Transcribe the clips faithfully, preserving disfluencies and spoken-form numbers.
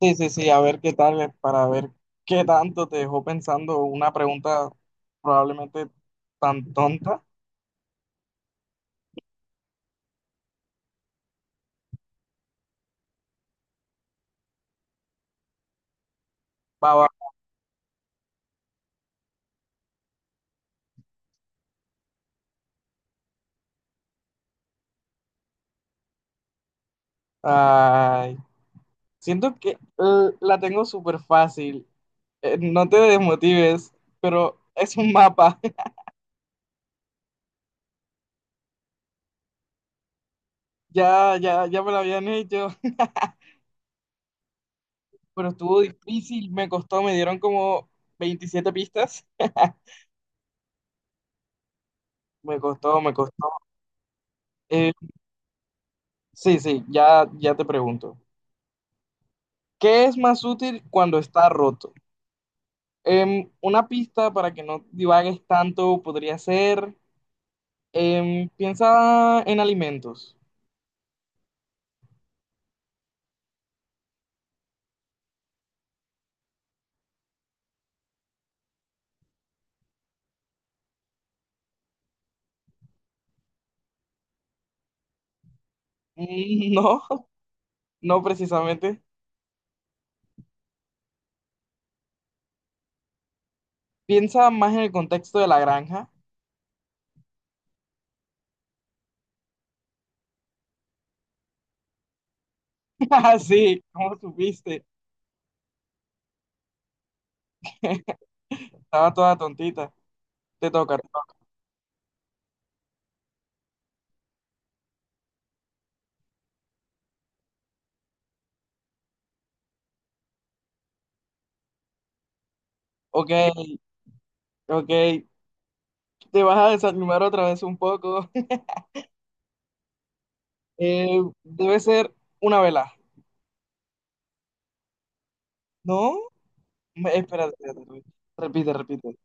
Sí, sí, sí, a ver qué tal, eh, para ver qué tanto te dejó pensando una pregunta probablemente tan tonta. Va, va. Ay, siento que eh, la tengo súper fácil. Eh, no te desmotives, pero es un mapa. Ya, ya, ya me lo habían hecho, pero estuvo difícil, me costó, me dieron como veintisiete pistas. Me costó, me costó. Eh, sí, sí, ya, ya te pregunto. ¿Qué es más útil cuando está roto? Em, una pista para que no divagues tanto podría ser, em, piensa en alimentos. Mm, no, no precisamente. Piensa más en el contexto de la granja. Ah, sí, ¿cómo supiste? Estaba toda tontita. Te toca, te toca. Ok, ok. Te vas a desanimar otra vez un poco. Eh, debe ser una vela. ¿No? Me- Espera, espera, espera. Repite, repite.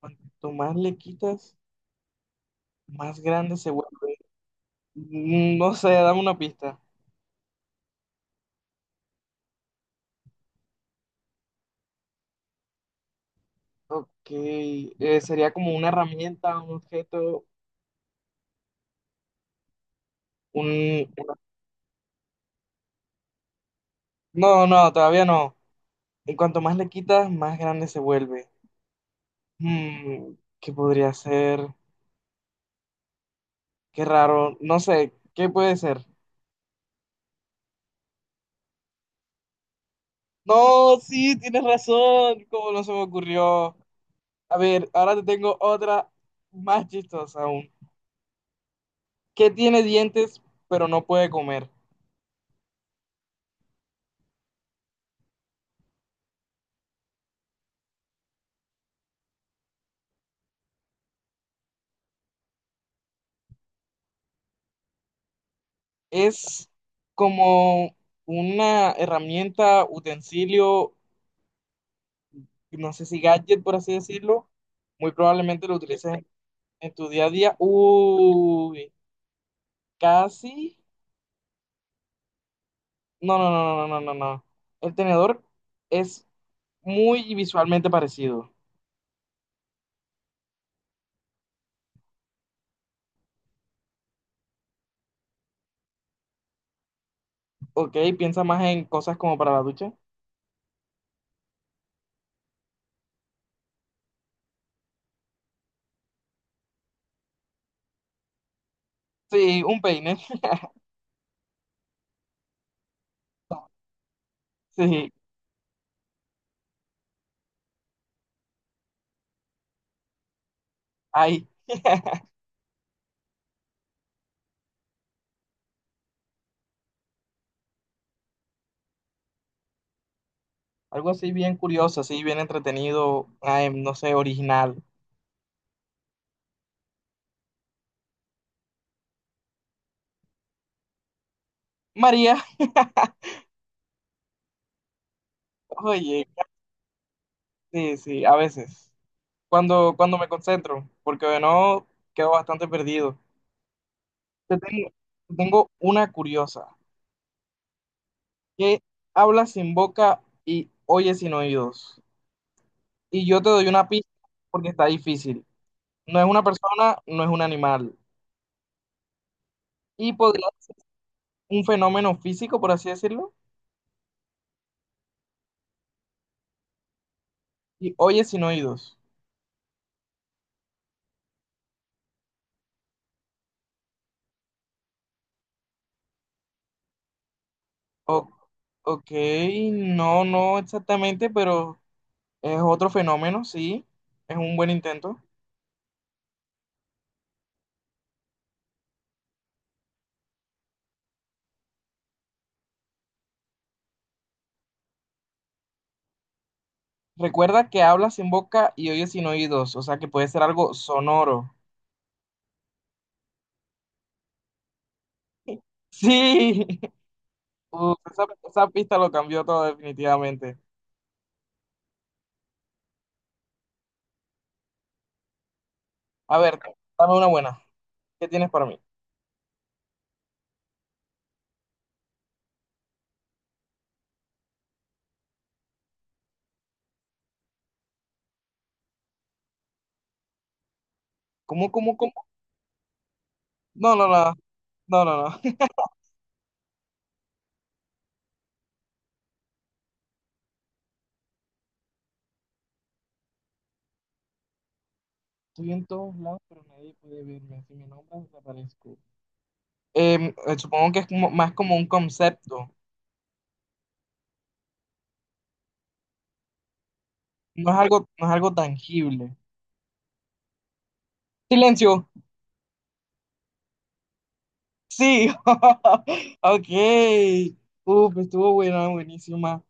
Cuanto más le quitas, más grande se vuelve. Mm, no sé, dame una pista. Ok, eh, sería como una herramienta, un objeto, un... una- No, no, todavía no. En cuanto más le quitas, más grande se vuelve. Mm, ¿qué podría ser? Qué raro, no sé, ¿qué puede ser? No, sí, tienes razón, ¿cómo no se me ocurrió? A ver, ahora te tengo otra más chistosa aún. ¿Qué tiene dientes pero no puede comer? Es como una herramienta, utensilio, no sé si gadget, por así decirlo. Muy probablemente lo utilices en, en tu día a día. Uy, casi. No, no, no, no, no, no, no. El tenedor es muy visualmente parecido. Ok, piensa más en cosas como para la ducha. Sí, un peine. Sí, ahí algo así bien curioso, así bien entretenido. Ay, no sé, original. María. Oye. Sí, sí, a veces. Cuando, cuando me concentro, porque de no quedo bastante perdido. Te tengo, te tengo una curiosa, que habla sin boca y oye sin oídos. Y yo te doy una pista porque está difícil. No es una persona, no es un animal. Y podría ser un fenómeno físico, por así decirlo, y oye sin oídos. O- ok, no, no exactamente, pero es otro fenómeno, sí. Es un buen intento. Recuerda que hablas sin boca y oyes sin oídos, o sea que puede ser algo sonoro. Sí. Uf, esa, esa pista lo cambió todo definitivamente. A ver, dame una buena. ¿Qué tienes para mí? ¿Cómo, cómo, cómo? No, no, no, no, no, no. Estoy en todos lados, pero nadie puede verme. Si me nombras, desaparezco. Em, eh, supongo que es como- más como un concepto. No es algo, no es algo tangible. Silencio. Sí. Ok. Uf, estuvo buena, buenísima.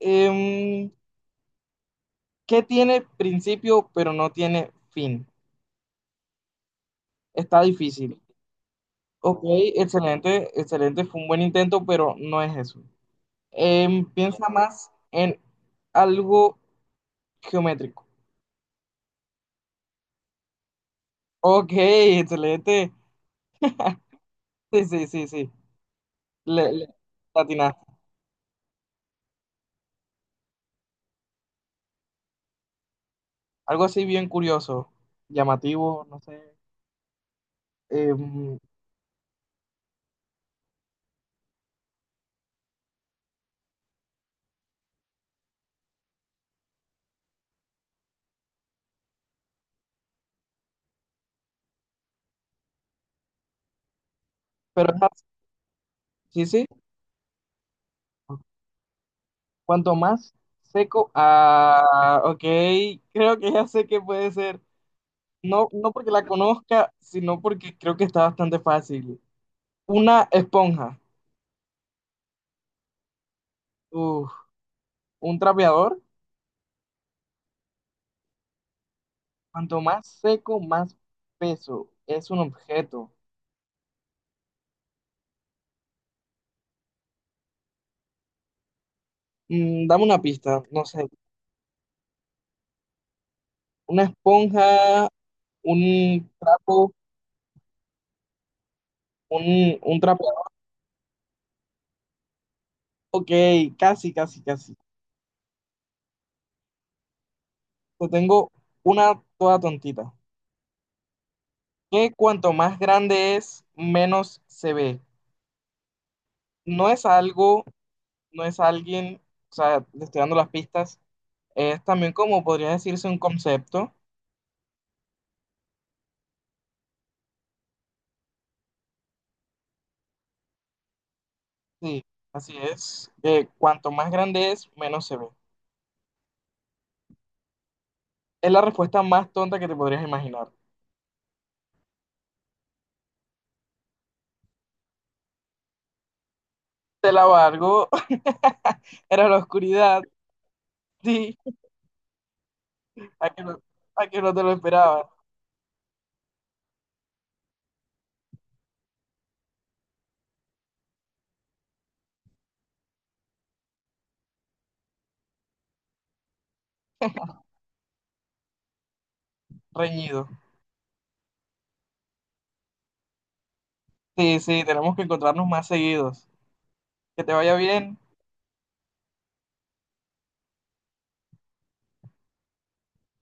Em, Qué tiene principio pero no tiene fin. Está difícil. Ok, excelente, excelente, fue un buen intento, pero no es eso. Em, piensa más en algo geométrico. Ok, excelente. Sí, sí, sí, sí. Le, le- le atinaste. Algo así bien curioso, llamativo, no sé. Em, pero es así, sí, sí. Cuanto más seco, ah, ok, creo que ya sé qué puede ser. No, no porque la conozca, sino porque creo que está bastante fácil. Una esponja, uf, un trapeador, cuanto más seco, más peso. Es un objeto. Mm, dame una pista, no sé. Una esponja, un trapo, un, un trapeador. Ok, casi, casi, casi. Yo tengo una toda tontita. Que cuanto más grande es, menos se ve. No es algo, no es alguien, o sea, le estoy dando las pistas. Es también como podría decirse un concepto. Sí, así es. Eh, cuanto más grande es, menos se ve. Es la respuesta más tonta que te podrías imaginar. Te la valgo. Era la oscuridad. Sí, a que no, a que no te lo esperaba. Reñido. Sí, sí, tenemos que encontrarnos más seguidos. Que te vaya bien.